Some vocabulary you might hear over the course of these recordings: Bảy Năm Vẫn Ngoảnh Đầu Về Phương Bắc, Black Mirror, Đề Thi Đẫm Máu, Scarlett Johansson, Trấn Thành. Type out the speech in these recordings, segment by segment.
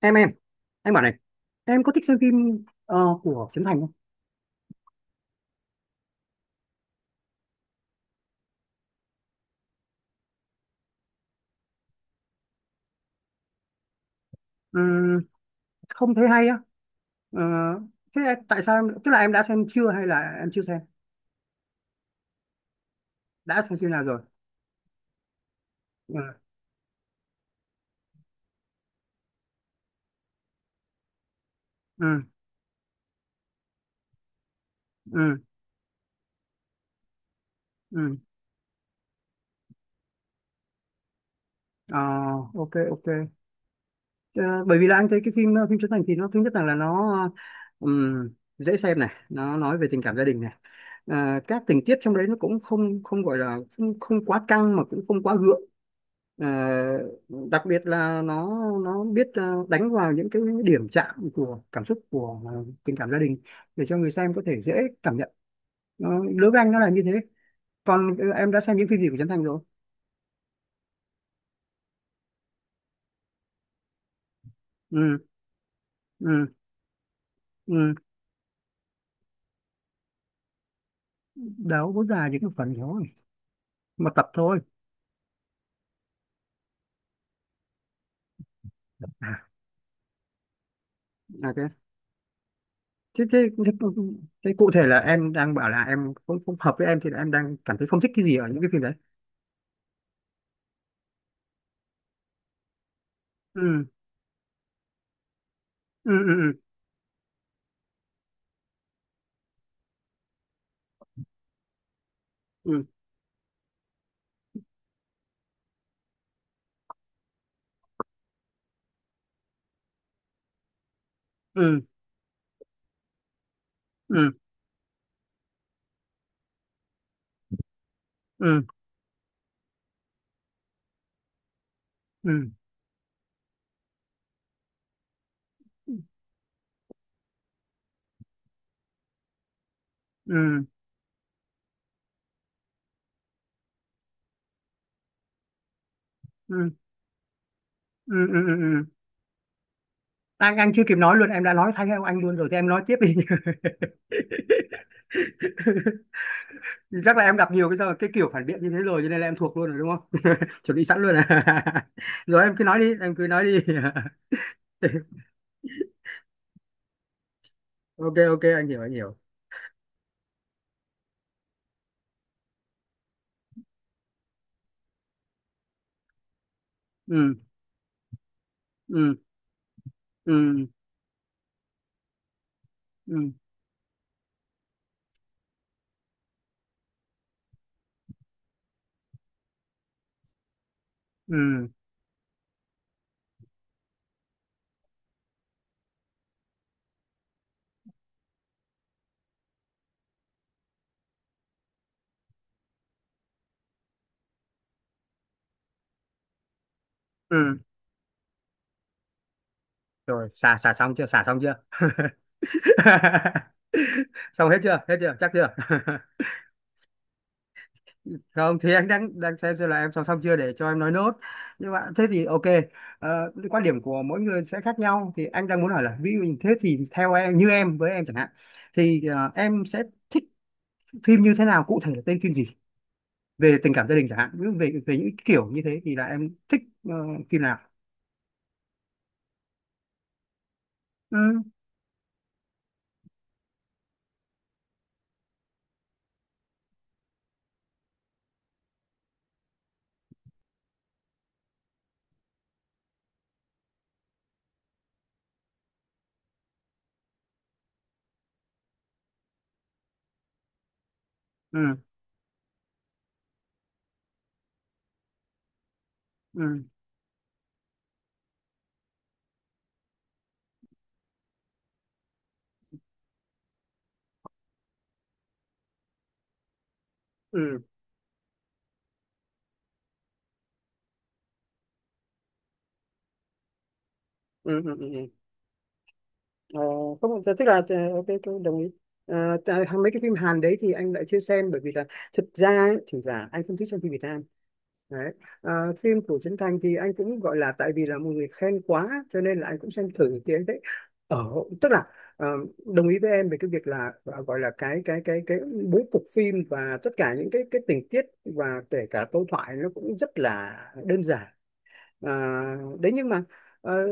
em em em bảo này. Em có thích xem phim của Trấn Thành không? Ừm, không thấy hay á. Ờ, thế tại sao tức là em đã xem chưa hay là em chưa xem, đã xem phim nào rồi? Ừ ừ ừ ừ. Ờ, ok ok. Ờ, bởi vì là anh thấy cái phim phim Trấn Thành thì nó thứ nhất là nó, ừm, dễ xem này, nó nói về tình cảm gia đình này. Ờ, các tình tiết trong đấy nó cũng không không gọi là không quá căng mà cũng không quá gượng. Ờ, đặc biệt là nó biết đánh vào những cái điểm chạm của cảm xúc của tình cảm gia đình, để cho người xem có thể dễ cảm nhận nó. Đối với anh nó là như thế. Còn em đã xem những phim gì của Trấn Thành rồi? Ừ ừ ừ. Đâu có dài, những cái phần thôi, một tập thôi. À, ok. Thế, thế, thế, thế cụ thể là em đang bảo là em không hợp với em thì là em đang cảm thấy không thích cái gì ở những cái phim đấy? Ừ ừ ừ ừ ừ ừ ừ ừ ừ ừ ừ ừ, ừ, ừ. Ừ. anh chưa kịp nói luôn, em đã nói thay theo anh luôn rồi, thì em nói tiếp đi. Chắc là em gặp nhiều cái sao, cái kiểu phản biện như thế rồi cho nên là em thuộc luôn rồi, đúng không? Chuẩn bị sẵn luôn à? Rồi, em cứ nói đi, em cứ nói đi. Ok ok, anh hiểu anh hiểu. Ừ ừ ừ ừ ừ ừ. Rồi, xả xả xong chưa, xả xong chưa? Xong hết chưa, hết chưa, chắc chưa? Không, thì anh đang đang xem là em xong xong chưa để cho em nói nốt. Nhưng mà thế thì ok. Ờ, cái quan điểm của mỗi người sẽ khác nhau, thì anh đang muốn hỏi là ví dụ như thế thì theo em, như em với em chẳng hạn, thì em sẽ thích phim như thế nào, cụ thể là tên phim gì? Về tình cảm gia đình chẳng hạn, ví dụ về về những kiểu như thế thì là em thích phim nào? Ừ ừ ừ ừ ừ ừ ừ ừ. ờ, Không, tức là ok, tôi đồng ý. Ờ, mấy cái phim Hàn đấy thì anh lại chưa xem, bởi vì là thực ra ấy, thì là anh không thích xem phim Việt Nam. Đấy. À, phim của Trấn Thành thì anh cũng gọi là tại vì là một người khen quá cho nên là anh cũng xem thử, thì anh thấy, ở, tức là ờ, đồng ý với em về cái việc là gọi là cái bố cục phim và tất cả những cái tình tiết và kể cả câu thoại nó cũng rất là đơn giản. À, đấy, nhưng mà ờ,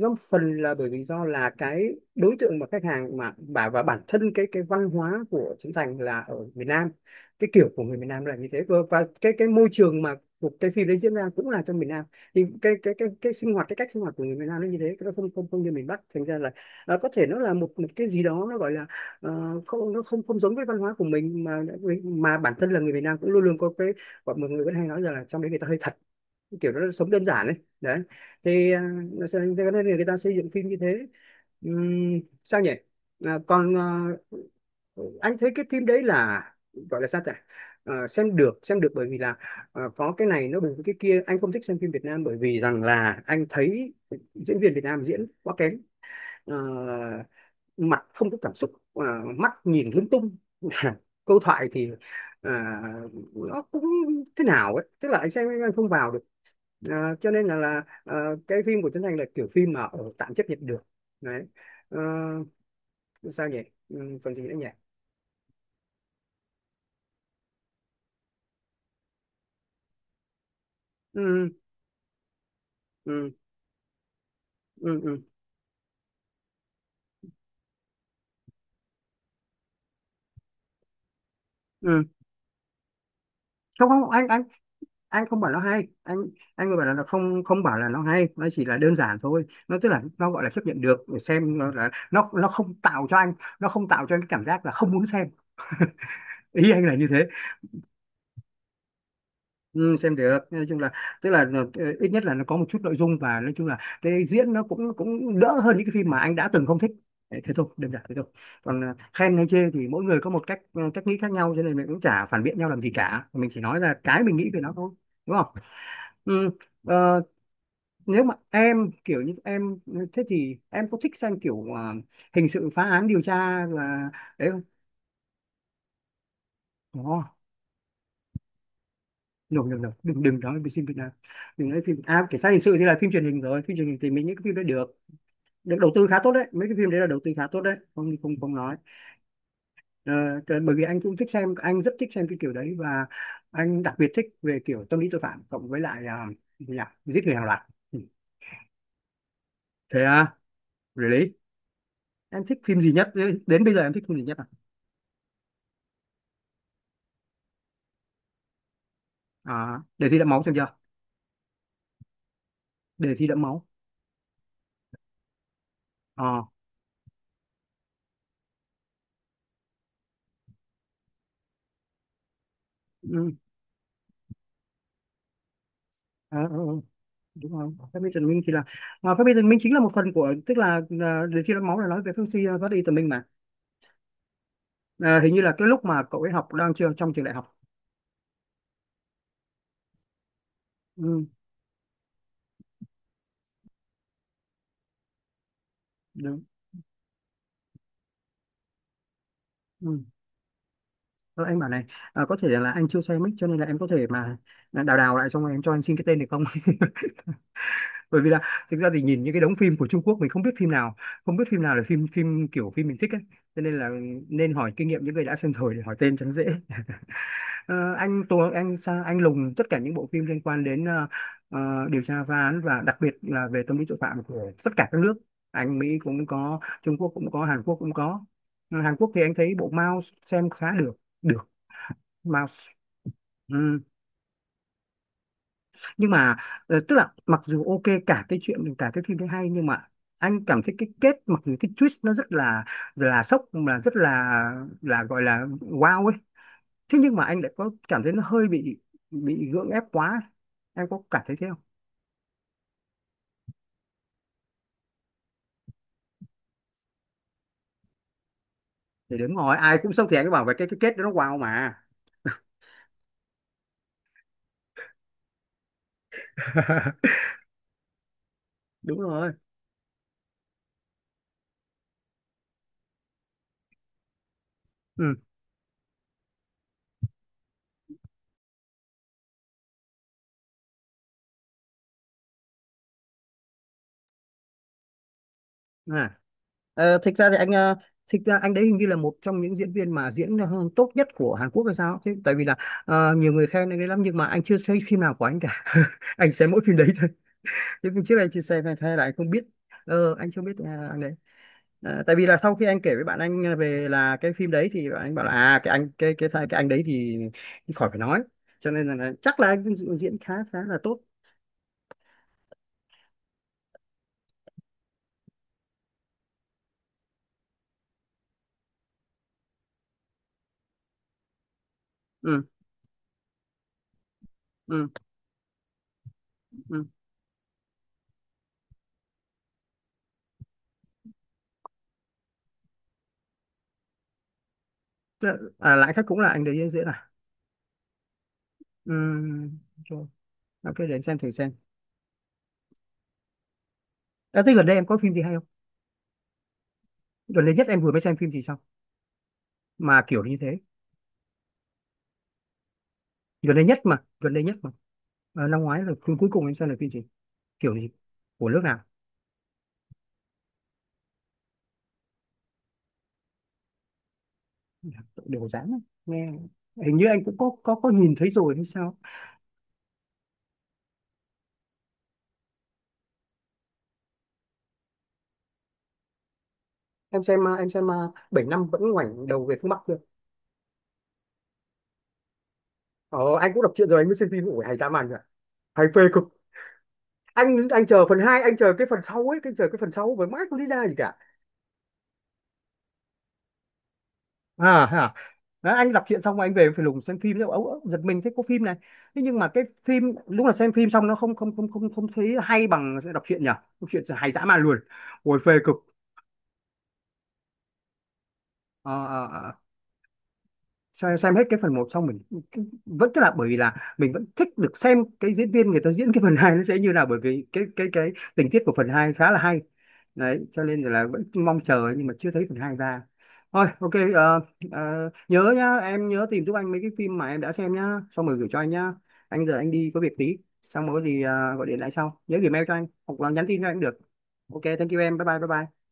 nó phần là bởi vì do là cái đối tượng mà khách hàng mà bà và bản thân cái văn hóa của Trấn Thành là ở miền Nam. Cái kiểu của người miền Nam là như thế, và, cái môi trường mà cuộc cái phim đấy diễn ra cũng là trong miền Nam, thì cái sinh hoạt, cái cách sinh hoạt của người miền Nam nó như thế, nó không không không như miền Bắc, thành ra là có thể nó là một một cái gì đó nó gọi là không, nó không không giống với văn hóa của mình. Mà bản thân là người miền Nam cũng luôn luôn có cái gọi, mọi người vẫn hay nói rằng là trong đấy người ta hơi thật, kiểu nó sống đơn giản ấy. Đấy, thì thế nên là người ta xây dựng phim như thế. Sao nhỉ, còn anh thấy cái phim đấy là gọi là sao ta, Ờ, xem được, xem được, bởi vì là có cái này nó bởi vì cái kia, anh không thích xem phim Việt Nam bởi vì rằng là anh thấy diễn viên Việt Nam diễn quá kém. Ờ, mặt không có cảm xúc, mắt nhìn lung tung. Câu thoại thì à, nó cũng thế nào ấy, tức là anh xem anh không vào được. À, cho nên là cái phim của Trấn Thành là kiểu phim mà tạm chấp nhận được. Đấy. Ờ, sao nhỉ, ừ, còn gì nữa nhỉ. Ừ, ừ, ừ, ừ, ừ. Không không, anh anh không bảo nó hay, anh bảo là nó không, bảo là nó hay, nó chỉ là đơn giản thôi, nó tức là nó gọi là chấp nhận được để xem, nó là nó, không tạo cho anh, nó không tạo cho anh cái cảm giác là không muốn xem. Ý anh là như thế. Ừ, xem được, nói chung là tức là ít nhất là nó có một chút nội dung, và nói chung là cái diễn nó cũng cũng đỡ hơn những cái phim mà anh đã từng không thích. Đấy, thế thôi, đơn giản thế thôi. Còn khen hay chê thì mỗi người có một cách, cách nghĩ khác nhau, cho nên mình cũng chả phản biện nhau làm gì cả, mình chỉ nói là cái mình nghĩ về nó thôi, đúng không. Ừ. Ờ, nếu mà em kiểu như em, thế thì em có thích xem kiểu hình sự phá án điều tra là đấy không? Ồ, no, no, no. đừng đừng nói về phim Việt Nam, đừng nói phim à, cảnh sát hình sự thì là phim truyền hình rồi, phim truyền hình thì mình những cái phim đấy được, được đầu tư khá tốt đấy, mấy cái phim đấy là đầu tư khá tốt đấy, không không không nói. Ờ, bởi vì anh cũng thích xem, anh rất thích xem cái kiểu đấy, và anh đặc biệt thích về kiểu tâm lý tội phạm cộng với lại gì nhỉ? Giết người hàng loạt. Ừ. Thế à? Really? Em thích phim gì nhất, đến bây giờ em thích phim gì nhất? Để thi đẫm máu xem chưa? Đề thi đẫm máu. Ờ. Ừ. ờ, ờ, ờ, Đúng rồi, phép bí tần minh thì là phép bí tần minh chính là một phần của, tức là đề thi đẫm máu là nói về phép suy phát đi tần minh mà. À, hình như là cái lúc mà cậu ấy học đang chưa trong trường đại học. Ừ, đúng. Ừ. Thôi anh bảo này, có thể là anh chưa xem mic cho nên là em có thể mà đào đào lại xong rồi em cho anh xin cái tên được không? Bởi vì là thực ra thì nhìn những cái đống phim của Trung Quốc mình không biết phim nào, không biết phim nào là phim, kiểu phim mình thích ấy, cho nên là nên hỏi kinh nghiệm những người đã xem rồi để hỏi tên cho nó dễ. Ờ, anh Tuấn, anh lùng tất cả những bộ phim liên quan đến ờ, điều tra phá án và đặc biệt là về tâm lý tội phạm của tất cả các nước. Anh Mỹ cũng có, Trung Quốc cũng có, Hàn Quốc cũng có. Ừ, Hàn Quốc thì anh thấy bộ Mouse xem khá được. Được. Mouse. Ừ. Nhưng mà tức là mặc dù ok cả cái chuyện, cả cái phim đấy hay, nhưng mà anh cảm thấy cái kết, mặc dù cái twist nó rất là sốc, mà rất là gọi là wow ấy, thế nhưng mà anh lại có cảm thấy nó hơi bị, gượng ép quá. Em có cảm thấy thế không? Thì đúng rồi, ai cũng sống thì anh cứ bảo về cái kết đó nó wow mà. Đúng rồi. Ừ. À. Ờ, thực ra thì anh, thực ra anh đấy hình như là một trong những diễn viên mà diễn tốt nhất của Hàn Quốc hay sao thế, tại vì là nhiều người khen anh ấy lắm nhưng mà anh chưa thấy phim nào của anh cả. Anh xem mỗi phim đấy thôi, chứ phim trước anh chưa xem hay hay là anh không biết. Ờ, anh chưa biết anh đấy. À, tại vì là sau khi anh kể với bạn anh về là cái phim đấy thì bạn anh bảo là à, cái anh, cái anh đấy thì khỏi phải nói, cho nên là, chắc là anh diễn, khá, là tốt. Ừ ừ ừ. Lại khác cũng là anh đấy diễn, à. Ừ. Rồi, ok, để anh xem thử xem. À, thế gần đây em có phim gì hay không, gần đây nhất em vừa mới xem phim gì sao mà kiểu như thế, gần đây nhất mà, gần đây nhất mà, năm ngoái là phim cuối cùng em xem là phim gì, kiểu gì, của nước nào? Đều dáng, nghe hình như anh cũng có nhìn thấy rồi hay sao. Em xem à, bảy năm vẫn ngoảnh đầu về phương Bắc chưa? Ờ, anh cũng đọc truyện rồi anh mới xem phim, ủa hay dã man rồi, hay phê cực. Anh chờ phần hai, anh chờ cái phần sau ấy, anh chờ cái phần sau với mãi không thấy ra gì cả. À hả. Đó, anh đọc truyện xong rồi anh về phải lùng xem phim, ấu ấu giật mình thấy có phim này. Thế nhưng mà cái phim lúc là xem phim xong nó không không không không không thấy hay bằng sẽ đọc truyện nhỉ, đọc truyện hay dã man luôn, ôi phê cực. Ờ, ờ, xem hết cái phần một xong mình vẫn, tức là bởi vì là mình vẫn thích được xem cái diễn viên người ta diễn cái phần 2 nó sẽ như nào, bởi vì cái tình tiết của phần 2 khá là hay. Đấy, cho nên là vẫn mong chờ nhưng mà chưa thấy phần 2 ra. Thôi ok, nhớ nhá, em nhớ tìm giúp anh mấy cái phim mà em đã xem nhá, xong rồi gửi cho anh nhá. Anh giờ anh đi có việc tí, xong rồi có gì gọi điện lại sau, nhớ gửi mail cho anh hoặc là nhắn tin cho anh cũng được. Ok thank you em, bye bye bye bye.